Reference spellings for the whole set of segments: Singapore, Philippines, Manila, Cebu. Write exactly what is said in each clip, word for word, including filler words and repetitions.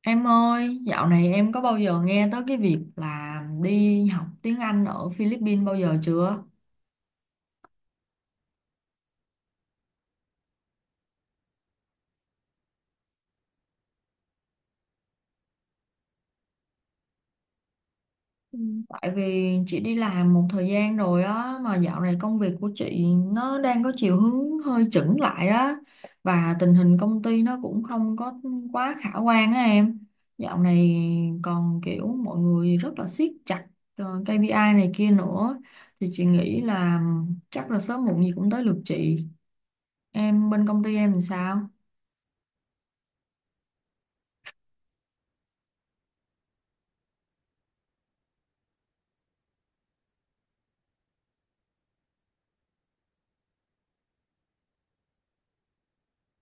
Em ơi, dạo này em có bao giờ nghe tới cái việc là đi học tiếng Anh ở Philippines bao giờ chưa? Ừ. Tại vì chị đi làm một thời gian rồi á, mà dạo này công việc của chị nó đang có chiều hướng hơi chững lại á, và tình hình công ty nó cũng không có quá khả quan á em. Dạo này còn kiểu mọi người rất là siết chặt ờ, ca pê i này kia nữa, thì chị nghĩ là chắc là sớm muộn gì cũng tới lượt chị. Em bên công ty em làm sao?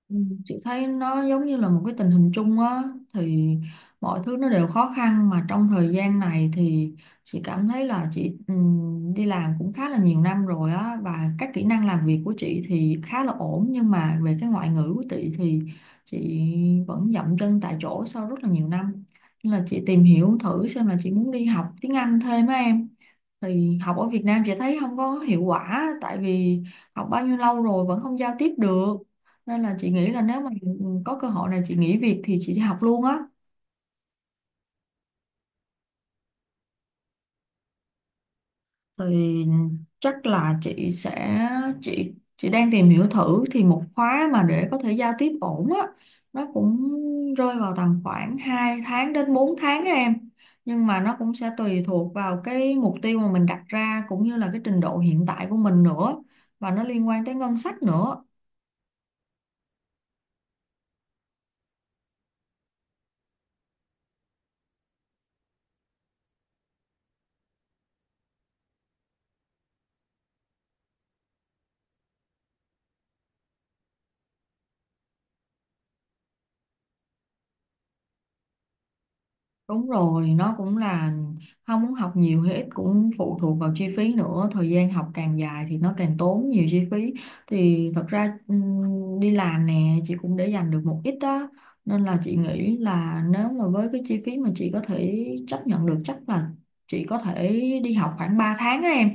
Ừ, chị thấy nó giống như là một cái tình hình chung á thì mọi thứ nó đều khó khăn mà trong thời gian này thì chị cảm thấy là chị ừm, đi làm cũng khá là nhiều năm rồi á, và các kỹ năng làm việc của chị thì khá là ổn, nhưng mà về cái ngoại ngữ của chị thì chị vẫn dậm chân tại chỗ sau rất là nhiều năm, nên là chị tìm hiểu thử xem là chị muốn đi học tiếng Anh thêm á em. Thì học ở Việt Nam chị thấy không có hiệu quả tại vì học bao nhiêu lâu rồi vẫn không giao tiếp được, nên là chị nghĩ là nếu mà có cơ hội này chị nghỉ việc thì chị đi học luôn á. Thì chắc là chị sẽ chị chị đang tìm hiểu thử thì một khóa mà để có thể giao tiếp ổn á, nó cũng rơi vào tầm khoảng hai tháng đến bốn tháng á em, nhưng mà nó cũng sẽ tùy thuộc vào cái mục tiêu mà mình đặt ra cũng như là cái trình độ hiện tại của mình nữa, và nó liên quan tới ngân sách nữa. Đúng rồi, nó cũng là không muốn học nhiều hay ít cũng phụ thuộc vào chi phí nữa. Thời gian học càng dài thì nó càng tốn nhiều chi phí. Thì thật ra ừm, đi làm nè, chị cũng để dành được một ít đó. Nên là chị nghĩ là nếu mà với cái chi phí mà chị có thể chấp nhận được chắc là chị có thể đi học khoảng ba tháng á em.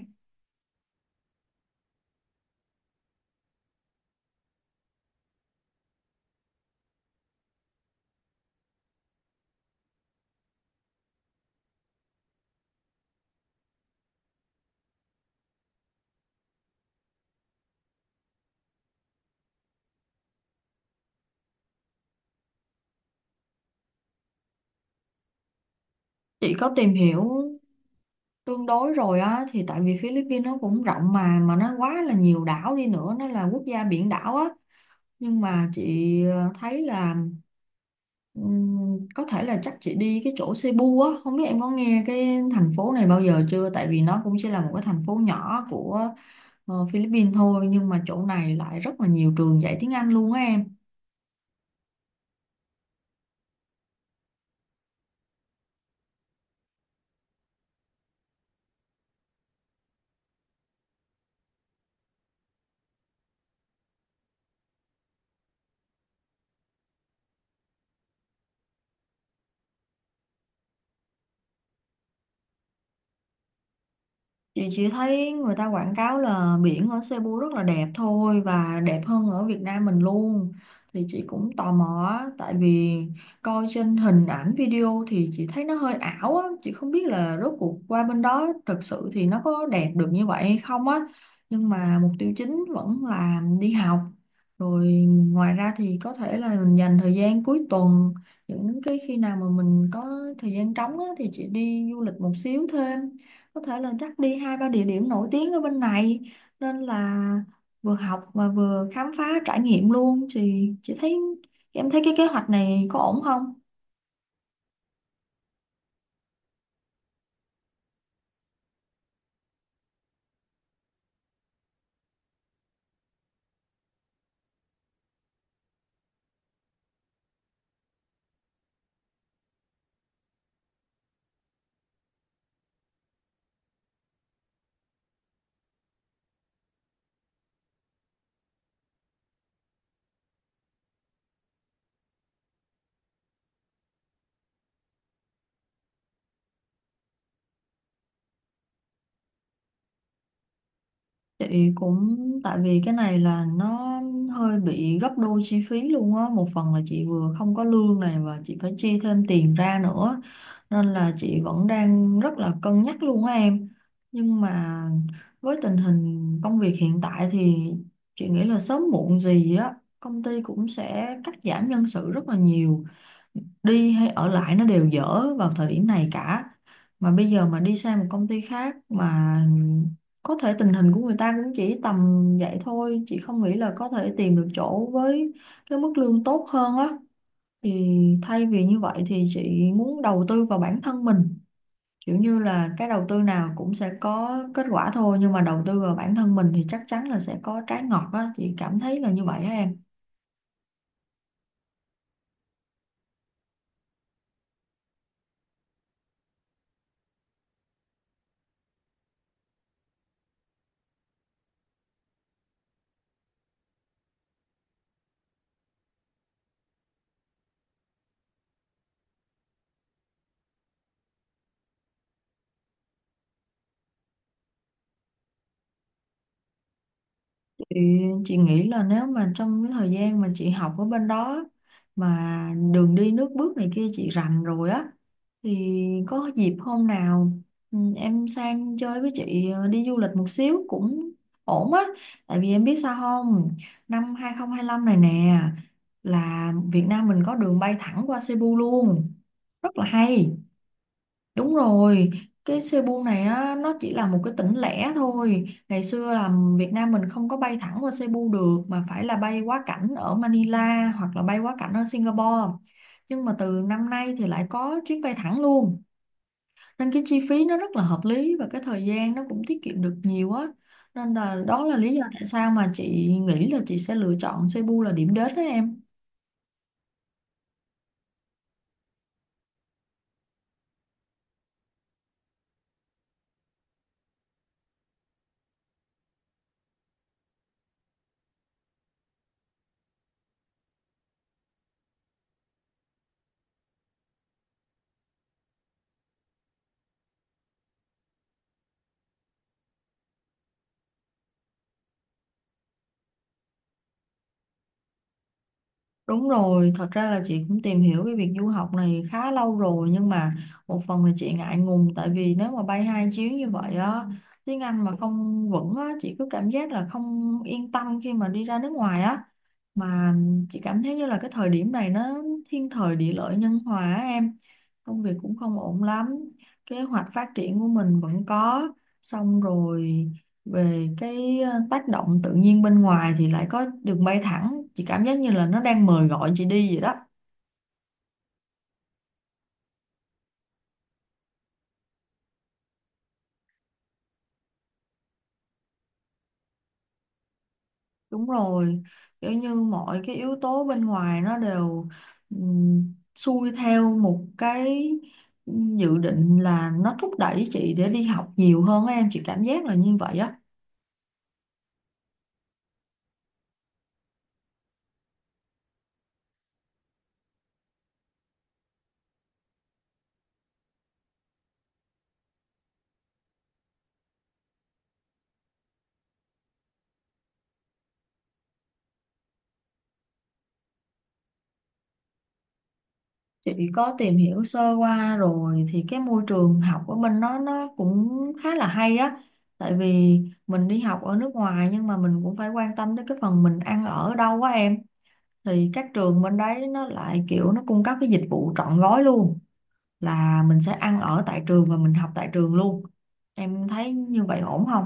Chị có tìm hiểu tương đối rồi á, thì tại vì Philippines nó cũng rộng mà, mà nó quá là nhiều đảo đi nữa, nó là quốc gia biển đảo á, nhưng mà chị ờ, thấy là Ừm, có thể là chắc chị đi cái chỗ Cebu á, không biết em có nghe cái thành phố này bao giờ chưa, tại vì nó cũng chỉ là một cái thành phố nhỏ của ờ, Philippines thôi, nhưng mà chỗ này lại rất là nhiều trường dạy tiếng Anh luôn á em. Chị chỉ thấy người ta quảng cáo là biển ở Cebu rất là đẹp thôi và đẹp hơn ở Việt Nam mình luôn. Thì chị cũng tò mò á, tại vì coi trên hình ảnh video thì chị thấy nó hơi ảo á, chị không biết là rốt cuộc qua bên đó thực sự thì nó có đẹp được như vậy hay không á. Nhưng mà mục tiêu chính vẫn là đi học. Rồi ngoài ra thì có thể là mình dành thời gian cuối tuần, những cái khi nào mà mình có thời gian trống á, thì chị đi du lịch một xíu thêm, có thể là chắc đi hai ba địa điểm nổi tiếng ở bên này, nên là vừa học và vừa khám phá trải nghiệm luôn thì chị thấy em thấy cái kế hoạch này có ổn không? Chị cũng tại vì cái này là nó hơi bị gấp đôi chi phí luôn á, một phần là chị vừa không có lương này và chị phải chi thêm tiền ra nữa, nên là chị vẫn đang rất là cân nhắc luôn á em. Nhưng mà với tình hình công việc hiện tại thì chị nghĩ là sớm muộn gì á, công ty cũng sẽ cắt giảm nhân sự rất là nhiều, đi hay ở lại nó đều dở vào thời điểm này cả. Mà bây giờ mà đi sang một công ty khác mà có thể tình hình của người ta cũng chỉ tầm vậy thôi, chị không nghĩ là có thể tìm được chỗ với cái mức lương tốt hơn á. Thì thay vì như vậy thì chị muốn đầu tư vào bản thân mình, kiểu như là cái đầu tư nào cũng sẽ có kết quả thôi, nhưng mà đầu tư vào bản thân mình thì chắc chắn là sẽ có trái ngọt á, chị cảm thấy là như vậy á em. Thì chị nghĩ là nếu mà trong cái thời gian mà chị học ở bên đó mà đường đi nước bước này kia chị rành rồi á, thì có dịp hôm nào ừ, em sang chơi với chị ờ, đi du lịch một xíu cũng ổn á, tại vì em biết sao không, năm hai không hai lăm này nè là Việt Nam mình có đường bay thẳng qua Cebu luôn, rất là hay. Đúng rồi, cái Cebu này á, nó chỉ là một cái tỉnh lẻ thôi. Ngày xưa là Việt Nam mình không có bay thẳng qua Cebu được mà phải là bay quá cảnh ở Manila hoặc là bay quá cảnh ở Singapore. Nhưng mà từ năm nay thì lại có chuyến bay thẳng luôn. Nên cái chi phí nó rất là hợp lý và cái thời gian nó cũng tiết kiệm được nhiều á. Nên là đó là lý do tại sao mà chị nghĩ là chị sẽ lựa chọn Cebu là điểm đến đó em. Đúng rồi, thật ra là chị cũng tìm hiểu cái việc du học này khá lâu rồi, nhưng mà một phần là chị ngại ngùng tại vì nếu mà bay hai chuyến như vậy á, tiếng Anh mà không vững á, chị cứ cảm giác là không yên tâm khi mà đi ra nước ngoài á. Mà chị cảm thấy như là cái thời điểm này nó thiên thời địa lợi nhân hòa á em, công việc cũng không ổn lắm, kế hoạch phát triển của mình vẫn có, xong rồi về cái ờ, tác động tự nhiên bên ngoài thì lại có đường bay thẳng, chị cảm giác như là nó đang mời gọi chị đi vậy đó. Đúng rồi, kiểu như mọi cái yếu tố bên ngoài nó đều ừm, xuôi theo một cái dự định, là nó thúc đẩy chị để đi học nhiều hơn á em, chị cảm giác là như vậy á. Chị có tìm hiểu sơ qua rồi thì cái môi trường học ở bên nó nó cũng khá là hay á. Tại vì mình đi học ở nước ngoài nhưng mà mình cũng phải quan tâm đến cái phần mình ăn ở ở đâu quá em. Thì các trường bên đấy nó lại kiểu nó cung cấp cái dịch vụ trọn gói luôn, là mình sẽ ăn ở tại trường và mình học tại trường luôn. Em thấy như vậy ổn không?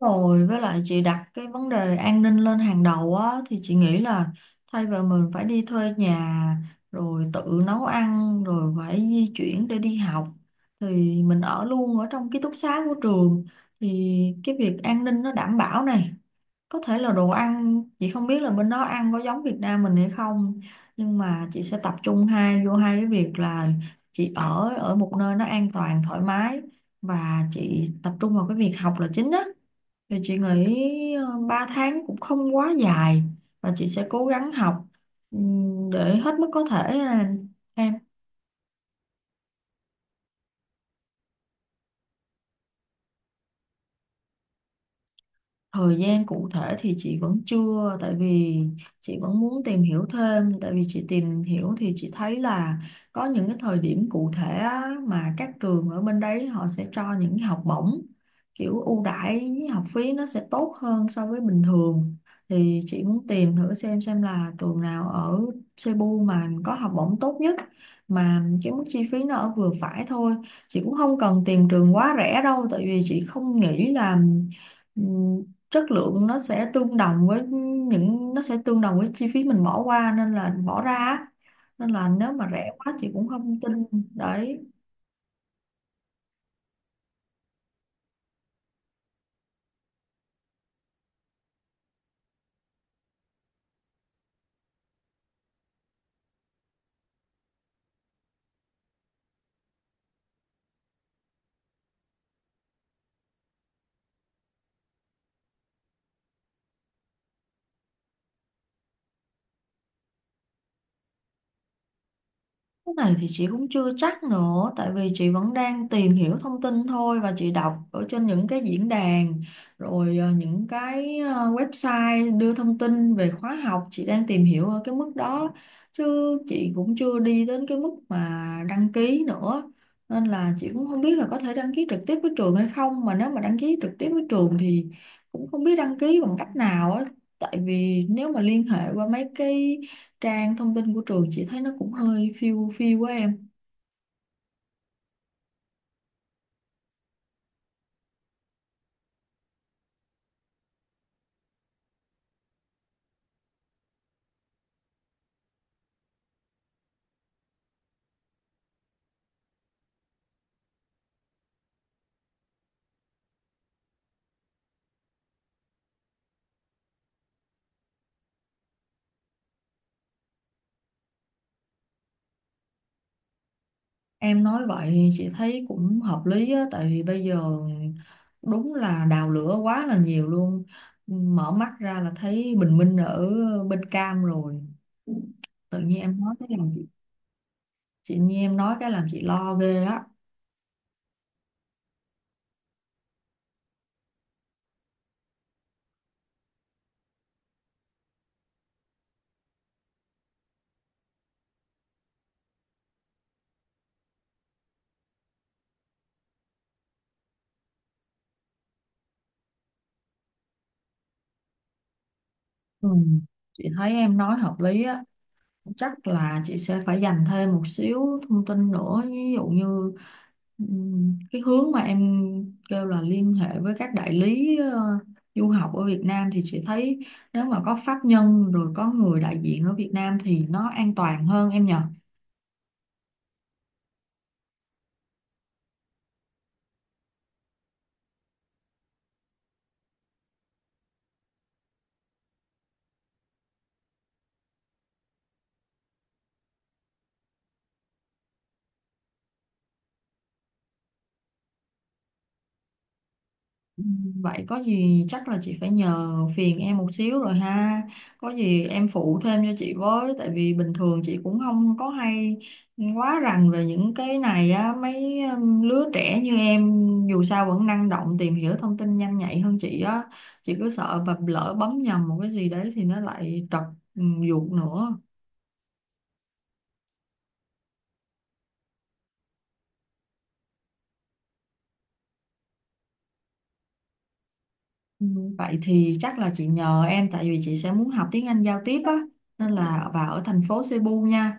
Rồi với lại chị đặt cái vấn đề an ninh lên hàng đầu á, thì chị nghĩ là thay vì mình phải đi thuê nhà rồi tự nấu ăn rồi phải di chuyển để đi học thì mình ở luôn ở trong ký túc xá của trường, thì cái việc an ninh nó đảm bảo này, có thể là đồ ăn chị không biết là bên đó ăn có giống Việt Nam mình hay không, nhưng mà chị sẽ tập trung hai vô hai cái việc là chị ở ở một nơi nó an toàn thoải mái và chị tập trung vào cái việc học là chính á. Thì chị nghĩ ờ, ba tháng cũng không quá dài và chị sẽ cố gắng học ừm, để hết mức có thể là em. Thời gian cụ thể thì chị vẫn chưa, tại vì chị vẫn muốn tìm hiểu thêm, tại vì chị tìm hiểu thì chị thấy là có những cái thời điểm cụ thể á, mà các trường ở bên đấy họ sẽ cho những học bổng kiểu ưu đãi học phí nó sẽ tốt hơn so với bình thường. Thì chị muốn tìm thử xem xem là trường nào ở Cebu mà có học bổng tốt nhất mà cái mức chi phí nó ở vừa phải thôi. Chị cũng không cần tìm trường quá rẻ đâu, tại vì chị không nghĩ là chất lượng nó sẽ tương đồng với những nó sẽ tương đồng với chi phí mình bỏ qua nên là bỏ ra á. Nên là nếu mà rẻ quá chị cũng không tin đấy. Cái này thì chị cũng chưa chắc nữa, tại vì chị vẫn đang tìm hiểu thông tin thôi và chị đọc ở trên những cái diễn đàn, rồi ờ, những cái ờ, website đưa thông tin về khóa học, chị đang tìm hiểu ở cái mức đó, chứ chị cũng chưa đi đến cái mức mà đăng ký nữa. Nên là chị cũng không biết là có thể đăng ký trực tiếp với trường hay không, mà nếu mà đăng ký trực tiếp với trường thì cũng không biết đăng ký bằng cách nào á. Tại vì nếu mà liên hệ qua mấy cái trang thông tin của trường chị thấy nó cũng hơi phiêu phiêu quá em. Em nói vậy chị thấy cũng hợp lý á, tại vì bây giờ đúng là đào lửa quá là nhiều luôn, mở mắt ra là thấy bình minh ở bên cam rồi, tự nhiên em nói cái làm chị chị nhiên em nói cái làm chị lo ghê á. Ừ. Chị thấy em nói hợp lý á, chắc là chị sẽ phải dành thêm một xíu thông tin nữa, ví dụ như ừm, cái hướng mà em kêu là liên hệ với các đại lý ờ, du học ở Việt Nam, thì chị thấy nếu mà có pháp nhân rồi có người đại diện ở Việt Nam thì nó an toàn hơn em nhỉ. Ừ, vậy có gì chắc là chị phải nhờ phiền em một xíu rồi ha. Có gì em phụ thêm cho chị với, tại vì bình thường chị cũng không có hay quá rành về những cái này á, mấy um, lứa trẻ như em dù sao vẫn năng động tìm hiểu thông tin nhanh nhạy hơn chị á. Chị cứ sợ và lỡ bấm nhầm một cái gì đấy thì nó lại trật ừ, ruột nữa. Ừ, vậy thì chắc là chị nhờ em, tại vì chị sẽ muốn học tiếng Anh giao tiếp á, nên là và ở thành phố Cebu nha,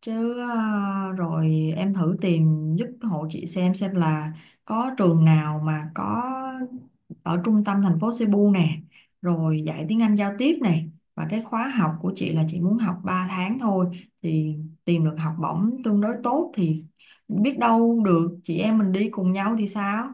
chứ à, rồi em thử tìm giúp hộ chị xem xem là có trường nào mà có ở trung tâm thành phố Cebu nè, rồi dạy tiếng Anh giao tiếp này, và cái khóa học của chị là chị muốn học ba tháng thôi, thì tìm được học bổng tương đối tốt thì biết đâu được chị em mình đi cùng nhau thì sao.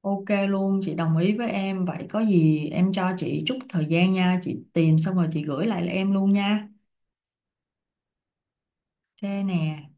OK luôn, chị đồng ý với em. Vậy có gì em cho chị chút thời gian nha, chị tìm xong rồi chị gửi lại em luôn nha. OK nè.